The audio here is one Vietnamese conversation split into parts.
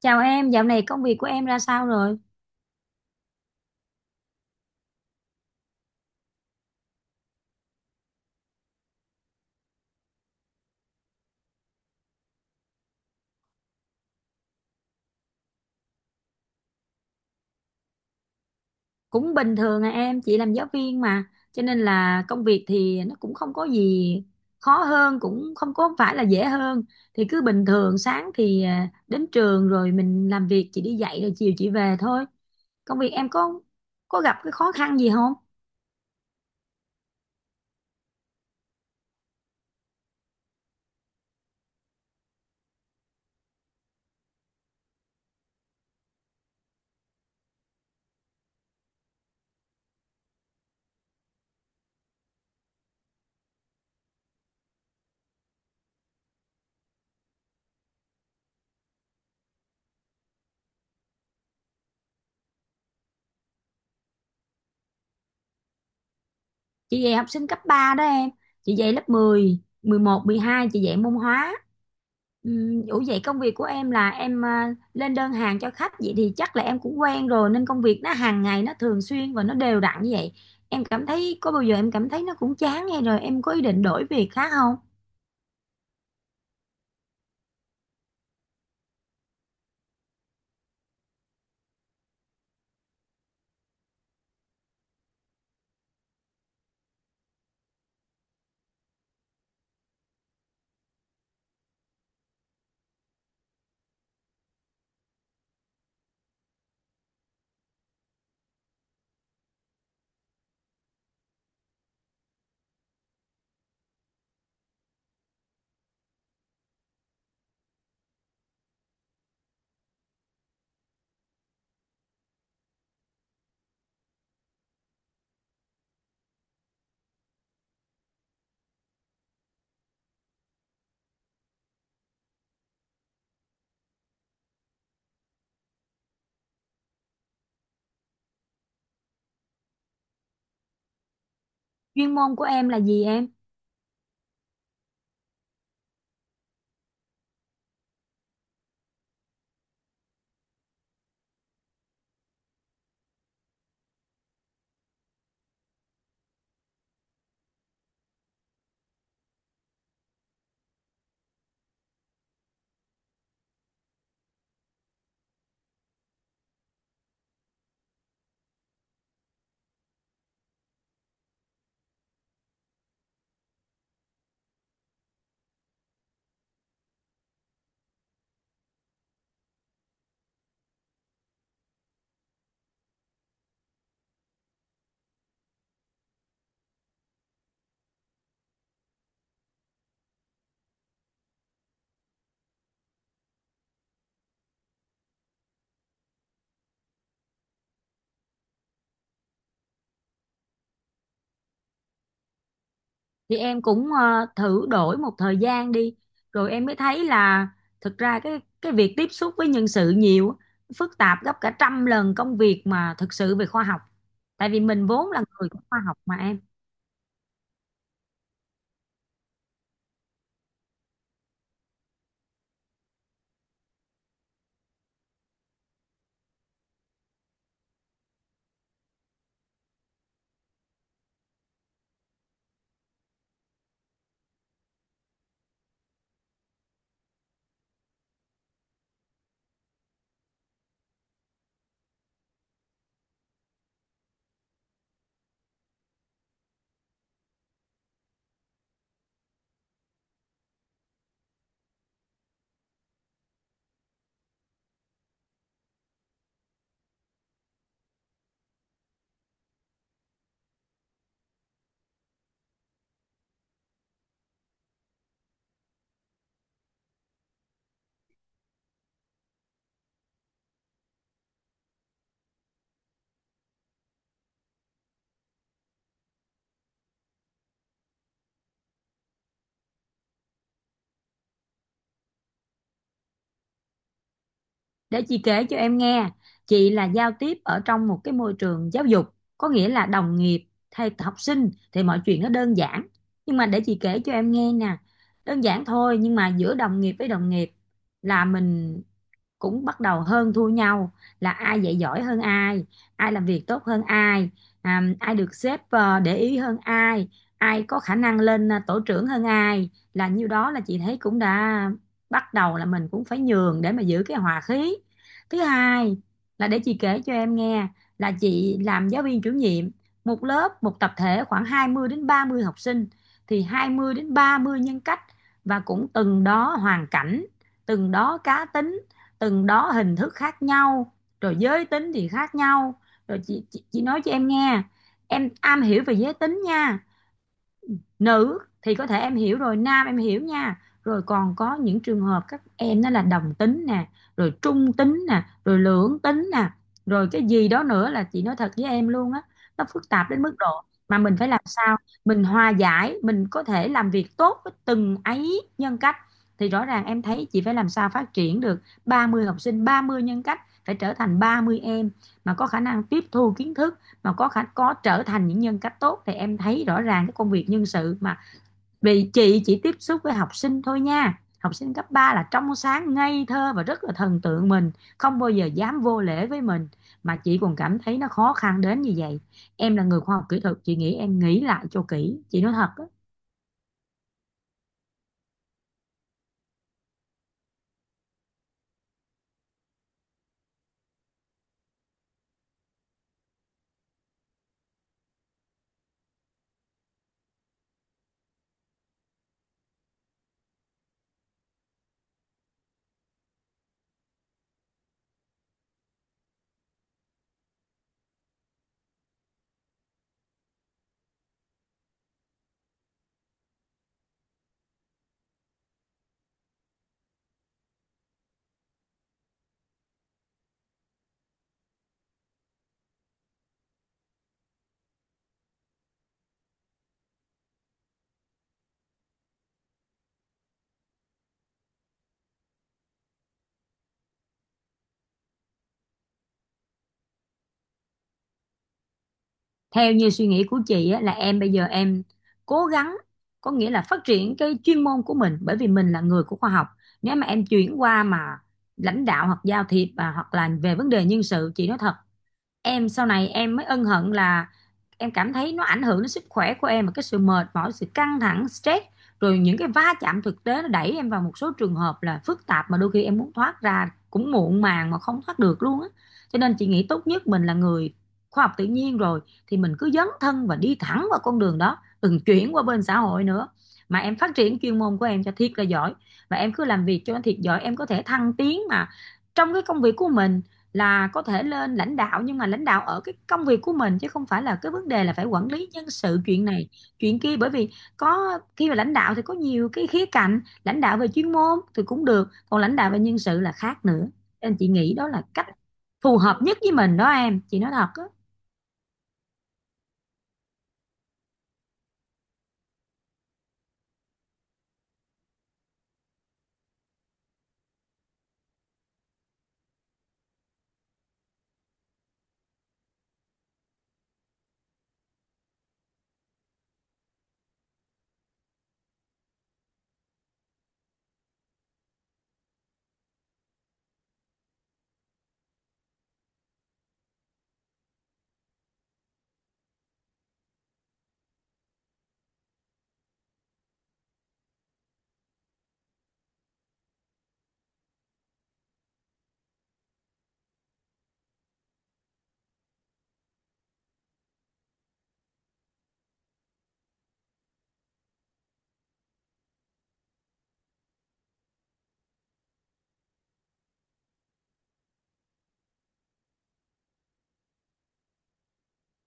Chào em, dạo này công việc của em ra sao rồi? Cũng bình thường à em, chị làm giáo viên mà. Cho nên là công việc thì nó cũng không có gì khó hơn, cũng không có phải là dễ hơn. Thì cứ bình thường, sáng thì đến trường rồi mình làm việc, chị đi dạy rồi chiều chị về thôi. Công việc em có gặp cái khó khăn gì không? Chị dạy học sinh cấp 3 đó em, chị dạy lớp 10 11 12, chị dạy môn hóa. Ủa vậy công việc của em là em lên đơn hàng cho khách, vậy thì chắc là em cũng quen rồi nên công việc nó hàng ngày nó thường xuyên và nó đều đặn như vậy. Em cảm thấy có bao giờ em cảm thấy nó cũng chán hay rồi em có ý định đổi việc khác không? Chuyên môn của em là gì em? Thì em cũng thử đổi một thời gian đi rồi em mới thấy là thực ra cái việc tiếp xúc với nhân sự nhiều á, phức tạp gấp cả trăm lần công việc mà thực sự về khoa học, tại vì mình vốn là người của khoa học mà em. Để chị kể cho em nghe, chị là giao tiếp ở trong một cái môi trường giáo dục, có nghĩa là đồng nghiệp hay học sinh thì mọi chuyện nó đơn giản. Nhưng mà để chị kể cho em nghe nè, đơn giản thôi nhưng mà giữa đồng nghiệp với đồng nghiệp là mình cũng bắt đầu hơn thua nhau, là ai dạy giỏi hơn ai, ai làm việc tốt hơn ai, ai được sếp để ý hơn ai, ai có khả năng lên tổ trưởng hơn ai, là nhiêu đó là chị thấy cũng đã bắt đầu là mình cũng phải nhường để mà giữ cái hòa khí. Thứ hai là để chị kể cho em nghe, là chị làm giáo viên chủ nhiệm một lớp một tập thể khoảng 20 đến 30 học sinh, thì 20 đến 30 nhân cách, và cũng từng đó hoàn cảnh, từng đó cá tính, từng đó hình thức khác nhau, rồi giới tính thì khác nhau. Rồi chị nói cho em nghe, em am hiểu về giới tính nha, nữ thì có thể em hiểu rồi, nam em hiểu nha, rồi còn có những trường hợp các em đó là đồng tính nè, rồi trung tính nè, rồi lưỡng tính nè, rồi cái gì đó nữa, là chị nói thật với em luôn á, nó phức tạp đến mức độ mà mình phải làm sao mình hòa giải mình có thể làm việc tốt với từng ấy nhân cách. Thì rõ ràng em thấy chị phải làm sao phát triển được 30 học sinh 30 nhân cách phải trở thành 30 em mà có khả năng tiếp thu kiến thức, mà có trở thành những nhân cách tốt, thì em thấy rõ ràng cái công việc nhân sự mà. Vì chị chỉ tiếp xúc với học sinh thôi nha, học sinh cấp 3 là trong sáng ngây thơ và rất là thần tượng mình, không bao giờ dám vô lễ với mình, mà chị còn cảm thấy nó khó khăn đến như vậy. Em là người khoa học kỹ thuật chị nghĩ em nghĩ lại cho kỹ, chị nói thật. Theo như suy nghĩ của chị á, là em bây giờ em cố gắng, có nghĩa là phát triển cái chuyên môn của mình, bởi vì mình là người của khoa học. Nếu mà em chuyển qua mà lãnh đạo hoặc giao thiệp và hoặc là về vấn đề nhân sự, chị nói thật, em sau này em mới ân hận là em cảm thấy nó ảnh hưởng đến sức khỏe của em, và cái sự mệt mỏi sự căng thẳng stress, rồi những cái va chạm thực tế nó đẩy em vào một số trường hợp là phức tạp mà đôi khi em muốn thoát ra cũng muộn màng mà không thoát được luôn á. Cho nên chị nghĩ tốt nhất mình là người khoa học tự nhiên rồi, thì mình cứ dấn thân và đi thẳng vào con đường đó, đừng chuyển qua bên xã hội nữa, mà em phát triển chuyên môn của em cho thiệt là giỏi, và em cứ làm việc cho nó thiệt giỏi, em có thể thăng tiến mà trong cái công việc của mình, là có thể lên lãnh đạo, nhưng mà lãnh đạo ở cái công việc của mình chứ không phải là cái vấn đề là phải quản lý nhân sự chuyện này chuyện kia. Bởi vì có khi mà lãnh đạo thì có nhiều cái khía cạnh, lãnh đạo về chuyên môn thì cũng được, còn lãnh đạo về nhân sự là khác nữa. Nên chị nghĩ đó là cách phù hợp nhất với mình đó em, chị nói thật á.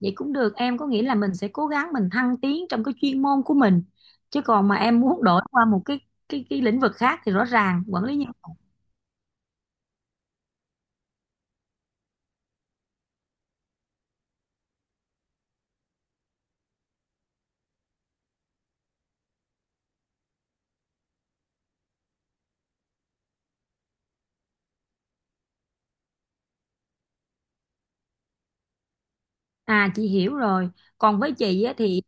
Vậy cũng được em, có nghĩa là mình sẽ cố gắng mình thăng tiến trong cái chuyên môn của mình, chứ còn mà em muốn đổi qua một cái lĩnh vực khác thì rõ ràng quản lý nhân... À chị hiểu rồi. Còn với chị á, thì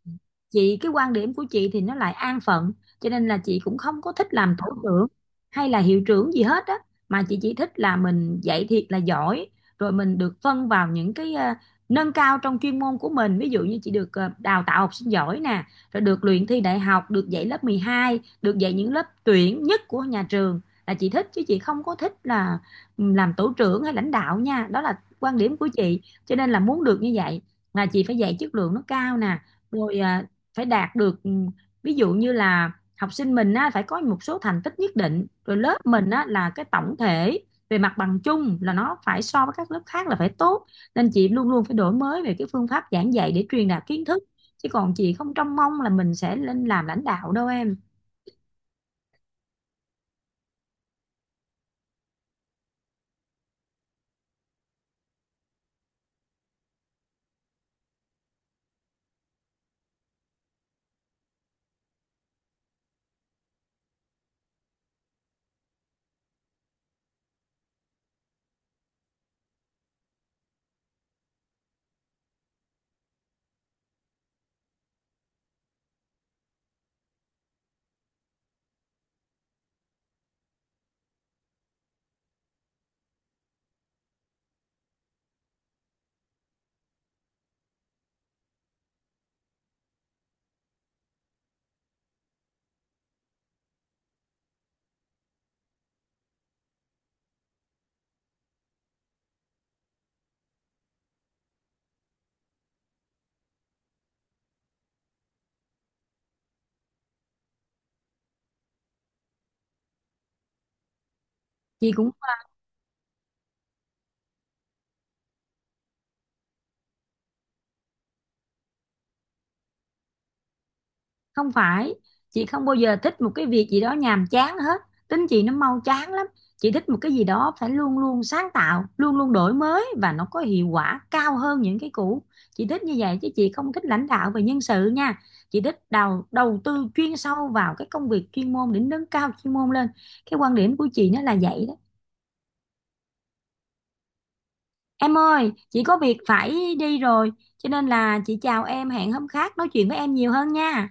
cái quan điểm của chị thì nó lại an phận, cho nên là chị cũng không có thích làm tổ trưởng hay là hiệu trưởng gì hết á, mà chị chỉ thích là mình dạy thiệt là giỏi, rồi mình được phân vào những cái nâng cao trong chuyên môn của mình, ví dụ như chị được đào tạo học sinh giỏi nè, rồi được luyện thi đại học, được dạy lớp 12, được dạy những lớp tuyển nhất của nhà trường là chị thích, chứ chị không có thích là làm tổ trưởng hay lãnh đạo nha. Đó là quan điểm của chị. Cho nên là muốn được như vậy là chị phải dạy chất lượng nó cao nè, rồi phải đạt được ví dụ như là học sinh mình á, phải có một số thành tích nhất định, rồi lớp mình á, là cái tổng thể về mặt bằng chung là nó phải so với các lớp khác là phải tốt. Nên chị luôn luôn phải đổi mới về cái phương pháp giảng dạy để truyền đạt kiến thức, chứ còn chị không trông mong là mình sẽ lên làm lãnh đạo đâu em. Chị cũng không phải, chị không bao giờ thích một cái việc gì đó nhàm chán hết, tính chị nó mau chán lắm. Chị thích một cái gì đó phải luôn luôn sáng tạo luôn luôn đổi mới và nó có hiệu quả cao hơn những cái cũ, chị thích như vậy chứ chị không thích lãnh đạo về nhân sự nha. Chị thích đầu đầu tư chuyên sâu vào cái công việc chuyên môn để nâng cao chuyên môn lên, cái quan điểm của chị nó là vậy đó. Em ơi chị có việc phải đi rồi, cho nên là chị chào em, hẹn hôm khác nói chuyện với em nhiều hơn nha.